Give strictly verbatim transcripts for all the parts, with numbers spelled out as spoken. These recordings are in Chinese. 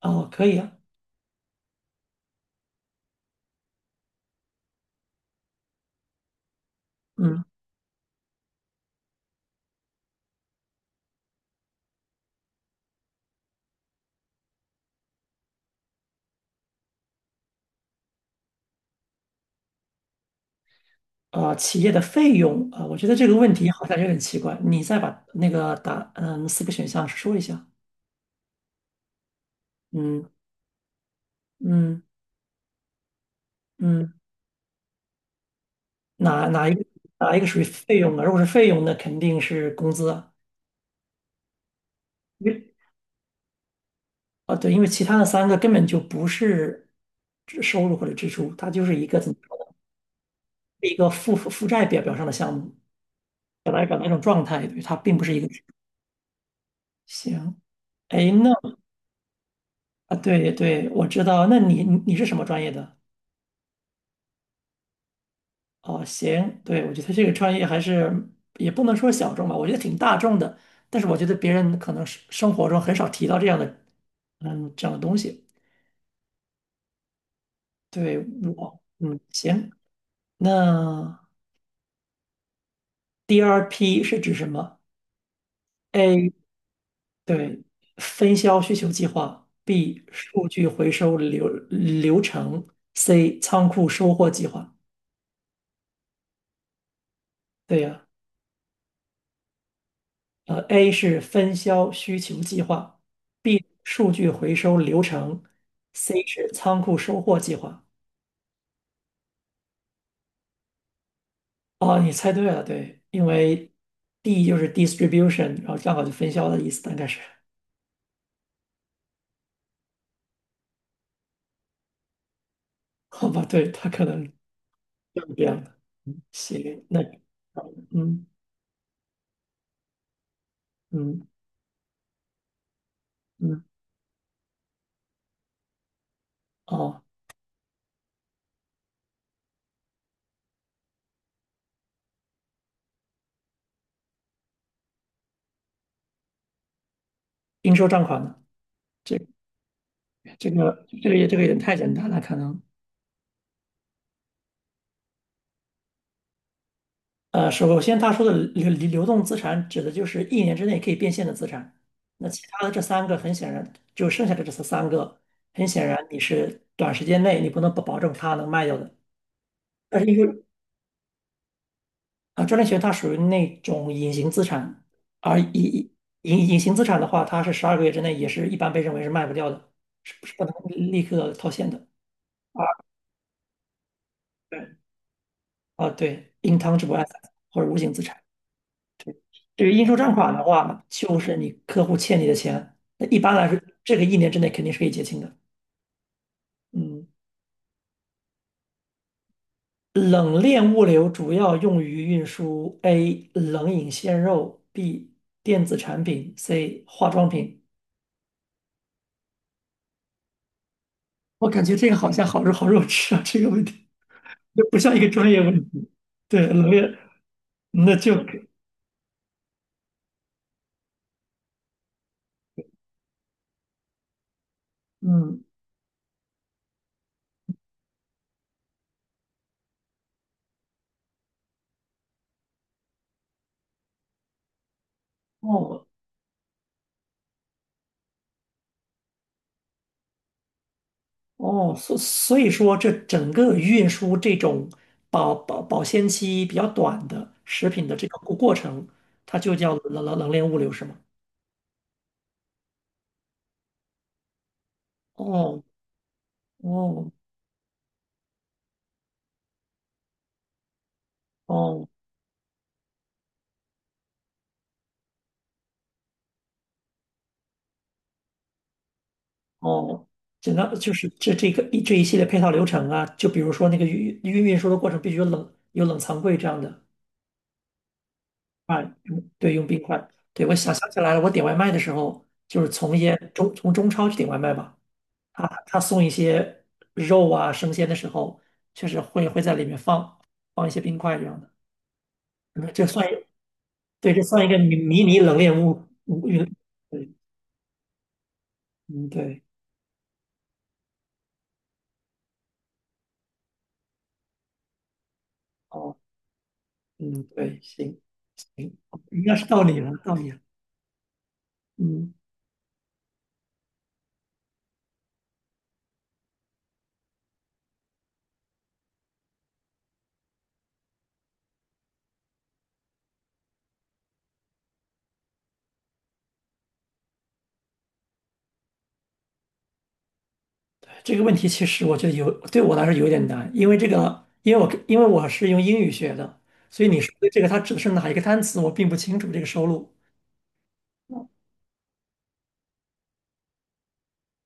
哦，可以啊。嗯，呃，企业的费用啊，呃我觉得这个问题好像有点奇怪，你再把那个答，嗯，四个选项说一下。嗯嗯嗯，哪哪一个哪一个属于费用啊？如果是费用，那肯定是工资啊。因为啊，对，因为其他的三个根本就不是支收入或者支出，它就是一个怎么说呢？一个负负债表表上的项目，表达表达一种状态。对，它并不是一个支出。行，哎，那啊，对对，我知道。那你你你是什么专业的？哦，行，对。我觉得这个专业还是也不能说小众吧，我觉得挺大众的，但是我觉得别人可能是生活中很少提到这样的，嗯，这样的东西。对。我，嗯，行，那 D R P 是指什么？A，对，分销需求计划；B，数据回收流流程；C，仓库收货计划。对呀、呃，A 是分销需求计划，B 数据回收流程，C 是仓库收货计划。哦，你猜对了。对，因为 D 就是 distribution，然后刚好就分销的意思，大概是。好吧，对，它可能是这样的。行，那嗯嗯嗯，哦，应收账款呢？这这个这个也这个也太简单了，可能。呃，首先他说的流流动资产指的就是一年之内可以变现的资产，那其他的这三个很显然就剩下的这三个，很显然你是短时间内你不能保保证它能卖掉的。但是因为啊，专利权它属于那种隐形资产，而隐隐隐形资产的话，它是十二个月之内也是一般被认为是卖不掉的，是不是不能立刻套现的？啊，呃对，啊对，intangible asset 或者无形资产。对于应收账款的话，就是你客户欠你的钱，那一般来说，这个一年之内肯定是可以结清的。嗯，冷链物流主要用于运输：A. 冷饮鲜肉；B. 电子产品；C. 化妆品。我感觉这个好像好肉好肉吃啊，这个问题这不像一个专业问题。对，冷链，那就嗯，哦，哦，所所以说，这整个运输这种保保保鲜期比较短的食品的这个过过程，它就叫冷冷冷链物流，是吗？哦哦哦哦，整个就是这这个一这一系列配套流程啊，就比如说那个运运运输的过程必须有冷有冷藏柜这样的。啊，用对，用冰块。对，我想想起来了，我点外卖的时候，就是从一些中从中超去点外卖吧。他他送一些肉啊生鲜的时候，确实会会在里面放放一些冰块这样的。嗯这算一对，这算一个迷迷你冷链物物运，对，嗯对，哦，嗯对，行，应该是到你了，到你了。嗯，这个问题其实我觉得有对我来说有点难，因为这个，因为我因为我是用英语学的，所以你说的这个它指的是哪一个单词，我并不清楚这个收入。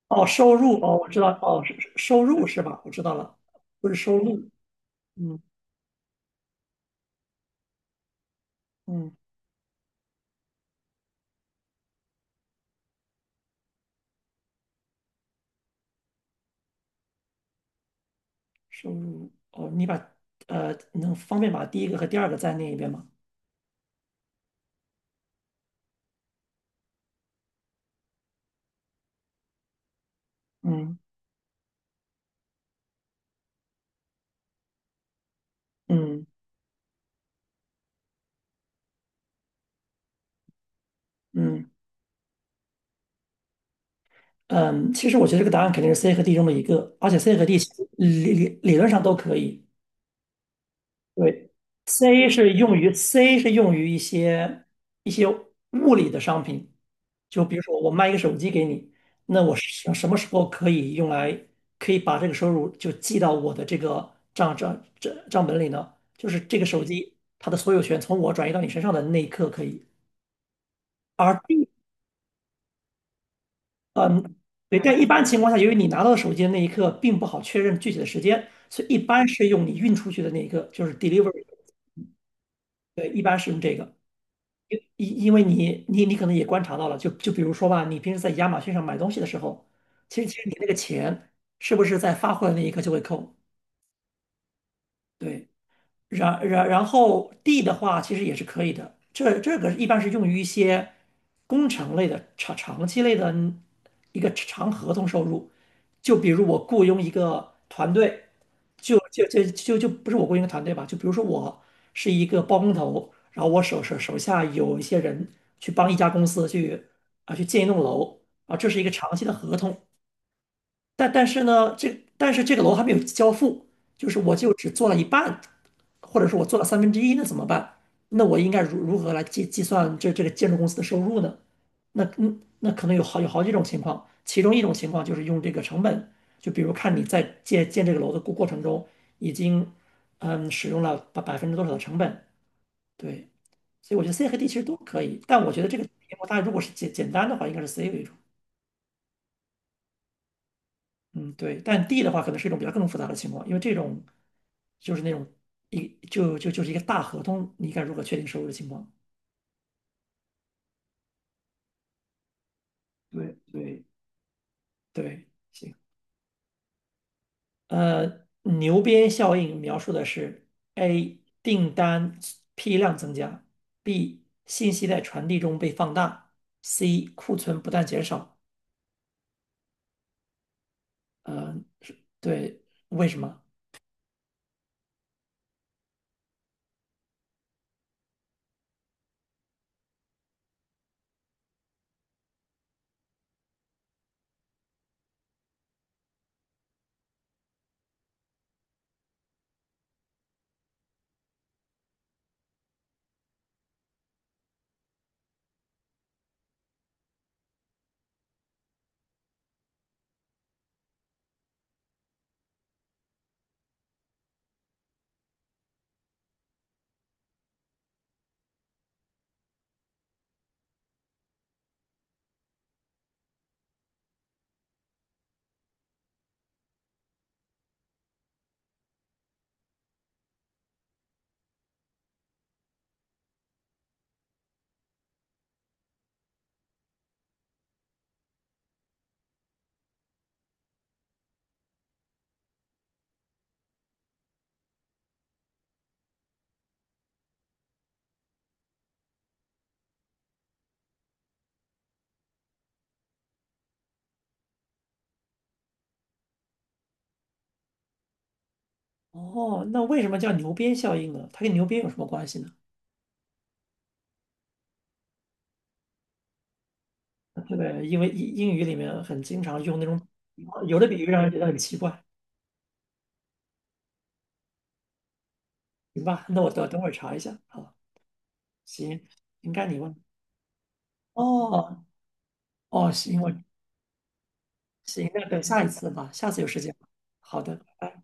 哦，收入哦，我知道，哦，是是收入是吧？我知道了。不是收入。嗯，嗯，收入哦，你把呃，能方便把第一个和第二个再念一遍吗？嗯嗯嗯嗯，其实我觉得这个答案肯定是 C 和 D 中的一个，而且 C 和 D 其实理理理论上都可以。对，C 是用于 C 是用于一些一些物理的商品，就比如说我卖一个手机给你，那我什什么时候可以用来可以把这个收入就记到我的这个账账账账本里呢？就是这个手机它的所有权从我转移到你身上的那一刻可以。而 D 对，但一般情况下，由于你拿到手机的那一刻并不好确认具体的时间，所以一般是用你运出去的那一刻，就是 delivery。因因为你你你可能也观察到了，就就比如说吧，你平时在亚马逊上买东西的时候，其实其实你那个钱是不是在发货的那一刻就会扣？对，然然然后 D 的话，其实也是可以的。这这个一般是用于一些工程类的长长期类的一个长合同收入，就比如我雇佣一个团队，就就就就就不是我雇佣一个团队吧，就比如说我是一个包工头，然后我手手手下有一些人去帮一家公司去啊去建一栋楼啊，这是一个长期的合同。但但是呢，这但是这个楼还没有交付，就是我就只做了一半，或者说我做了三分之一，那怎么办？那我应该如如何来计计算这这个建筑公司的收入呢？那嗯，那可能有好有好几种情况，其中一种情况就是用这个成本，就比如看你在建建这个楼的过过程中已经嗯使用了百百分之多少的成本。对，所以我觉得 C 和 D 其实都可以，但我觉得这个题目大家如果是简简单的话，应该是 C 为主。嗯，对，但 D 的话可能是一种比较更复杂的情况，因为这种就是那种一就就就是一个大合同，你该如何确定收入的情况？对对，对，行。呃，牛鞭效应描述的是 A 订单批量增加，B 信息在传递中被放大，C 库存不断减少。呃，是对，为什么？哦，那为什么叫牛鞭效应呢？它跟牛鞭有什么关系呢？对，因为英英语里面很经常用那种啊有的比喻让人觉得很奇怪。行吧，那我等等会儿查一下。好，行，应该你问。哦哦，行，我行，那等下一次吧，下次有时间吧。好的，拜拜。